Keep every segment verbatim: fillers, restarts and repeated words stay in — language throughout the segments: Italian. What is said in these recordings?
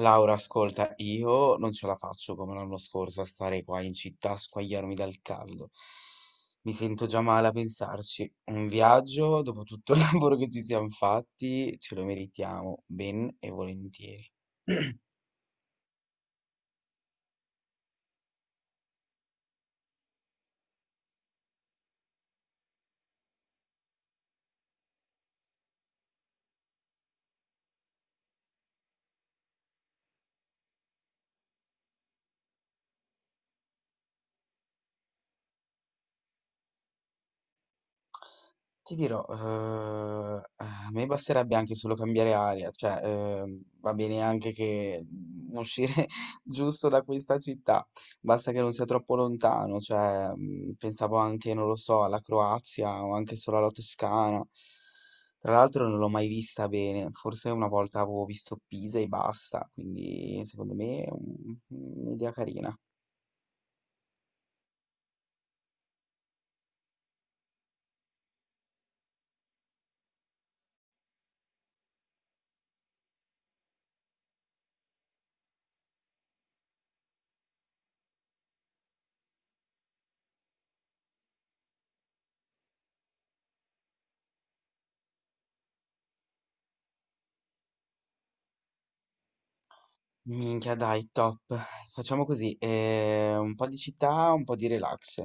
Laura, ascolta, io non ce la faccio come l'anno scorso a stare qua in città a squagliarmi dal caldo. Mi sento già male a pensarci. Un viaggio, dopo tutto il lavoro che ci siamo fatti, ce lo meritiamo ben e volentieri. Ti dirò, eh, a me basterebbe anche solo cambiare aria, cioè ehm, va bene anche che mm, uscire giusto da questa città, basta che non sia troppo lontano, cioè mm, pensavo anche, non lo so, alla Croazia o anche solo alla Toscana. Tra l'altro non l'ho mai vista bene, forse una volta avevo visto Pisa e basta, quindi secondo me è un- un'idea carina. Minchia, dai, top. Facciamo così, eh, un po' di città, un po' di relax.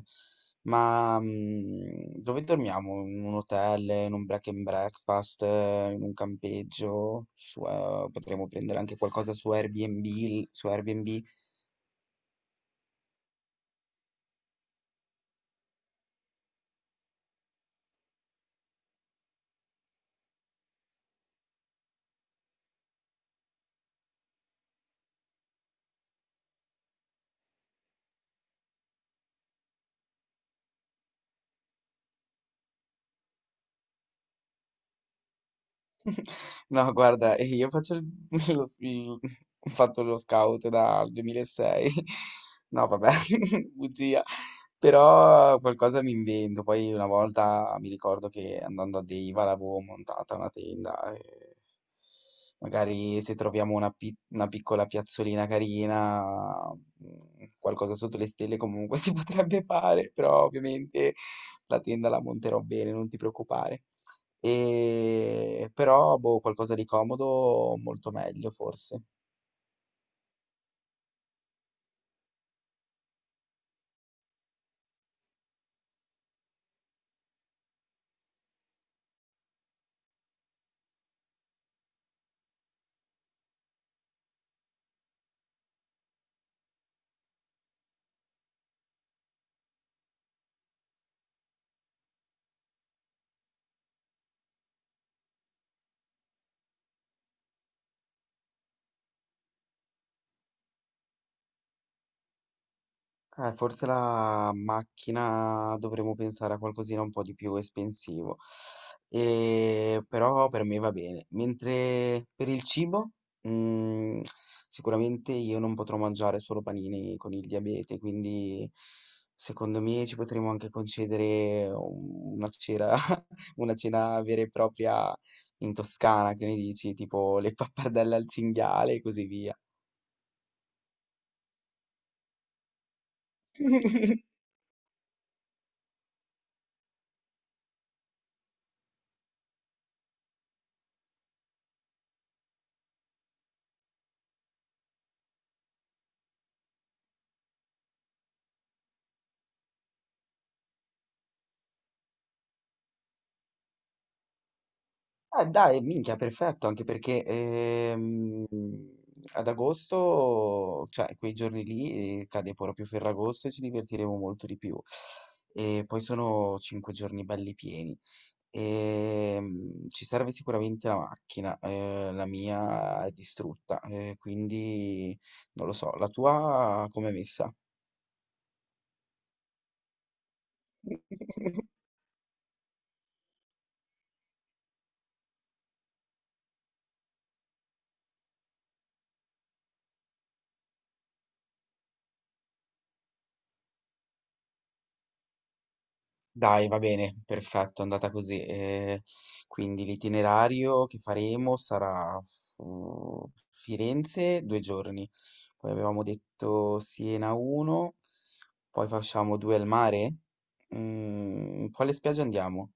Ma mm, dove dormiamo? In un hotel, in un break and breakfast, eh, in un campeggio? Su, eh, potremmo prendere anche qualcosa su Airbnb, su Airbnb. No, guarda, eh, io faccio il, lo, s- il- ho fatto lo scout dal duemilasei. No, vabbè, bugia. Però qualcosa mi invento. Poi una volta mi ricordo che andando a Deiva l'avevo montata una tenda. E magari se troviamo una, pi- una piccola piazzolina carina, mm, qualcosa sotto le stelle comunque si potrebbe fare. Però ovviamente la tenda la monterò bene, non ti preoccupare. E però, boh, qualcosa di comodo molto meglio forse. Eh, forse la macchina dovremmo pensare a qualcosina un po' di più espensivo. E, però per me va bene. Mentre per il cibo, mm, sicuramente io non potrò mangiare solo panini con il diabete, quindi secondo me ci potremmo anche concedere un- una cena, una cena vera e propria in Toscana, che ne dici? Tipo le pappardelle al cinghiale e così via. Eh dai, minchia, perfetto, anche perché ehm, ad agosto, cioè quei giorni lì, eh, cade proprio Ferragosto e ci divertiremo molto di più. E poi sono cinque giorni belli pieni. Ehm, ci serve sicuramente la macchina, eh, la mia è distrutta, eh, quindi non lo so, la tua com'è messa? Dai, va bene, perfetto, è andata così. Eh, quindi l'itinerario che faremo sarà mm, Firenze due giorni, poi avevamo detto Siena uno, poi facciamo due al mare. Mm, quale spiaggia andiamo?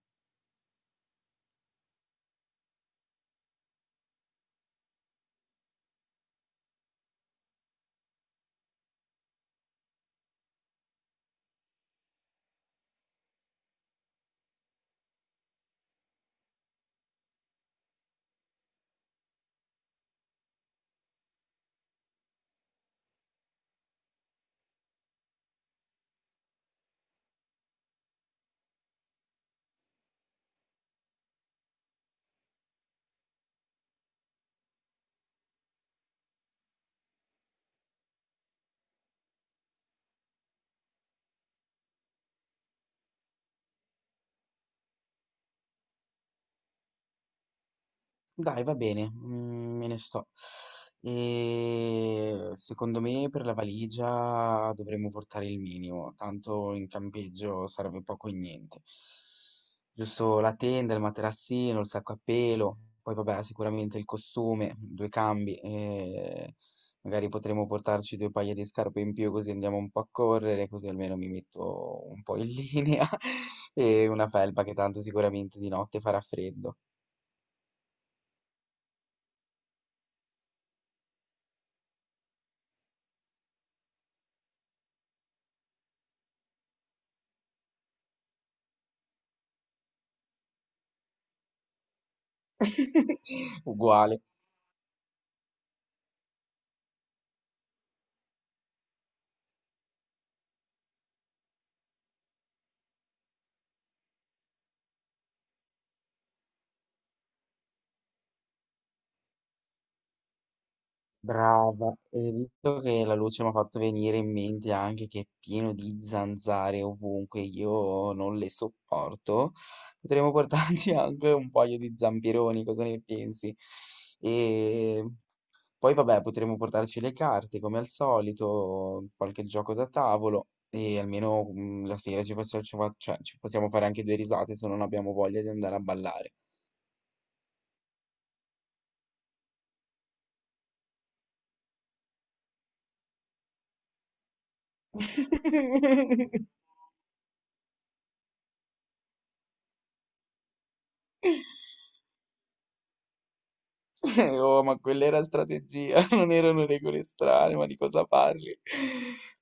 Dai, va bene, mm, me ne sto. E secondo me per la valigia dovremmo portare il minimo, tanto in campeggio sarebbe poco e niente. Giusto la tenda, il materassino, il sacco a pelo, poi vabbè, sicuramente il costume, due cambi, e magari potremmo portarci due paia di scarpe in più così andiamo un po' a correre, così almeno mi metto un po' in linea e una felpa che tanto sicuramente di notte farà freddo. Uguale, brava. E visto che la luce mi ha fatto venire in mente anche che è pieno di zanzare ovunque, io non le sopporto, potremmo portarci anche un paio di zampironi, cosa ne pensi? E poi vabbè, potremmo portarci le carte come al solito, qualche gioco da tavolo e almeno mm, la sera ci faccia- ci fa- cioè, ci possiamo fare anche due risate se non abbiamo voglia di andare a ballare. Oh, ma quella era strategia, non erano regole strane, ma di cosa parli?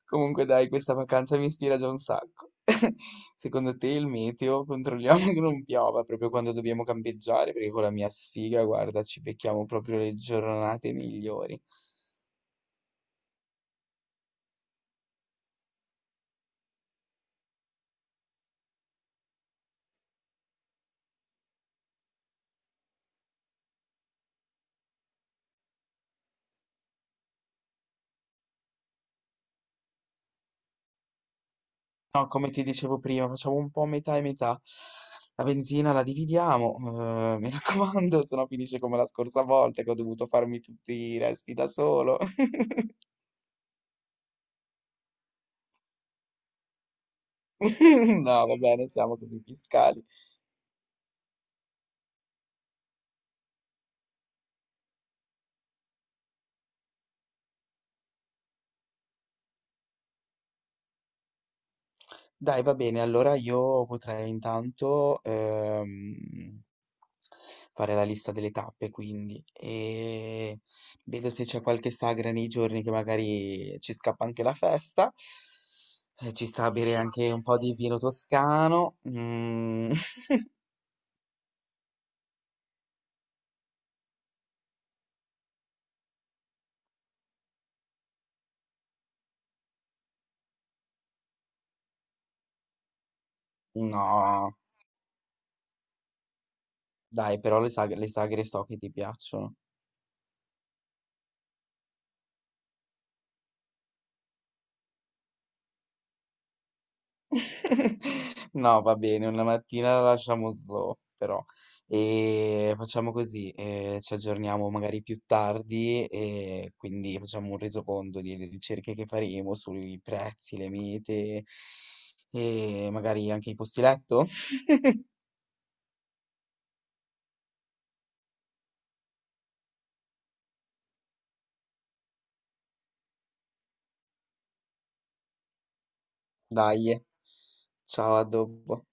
Comunque dai, questa vacanza mi ispira già un sacco. Secondo te il meteo? Controlliamo che non piova proprio quando dobbiamo campeggiare, perché con la mia sfiga, guarda, ci becchiamo proprio le giornate migliori. No, come ti dicevo prima, facciamo un po' metà e metà. La benzina la dividiamo, eh, mi raccomando, se no finisce come la scorsa volta che ho dovuto farmi tutti i resti da solo. No, va bene, siamo così fiscali. Dai, va bene, allora io potrei intanto ehm, fare la lista delle tappe, quindi, e vedo se c'è qualche sagra nei giorni che magari ci scappa anche la festa. Eh, ci sta a bere anche un po' di vino toscano. Mm. No, dai, però le sagre, le sagre so che ti piacciono. No, va bene, una mattina la lasciamo slow, però. E facciamo così, eh, ci aggiorniamo magari più tardi e quindi facciamo un resoconto delle ricerche che faremo sui prezzi, le mete e magari anche i posti letto. Dai, ciao, a dopo.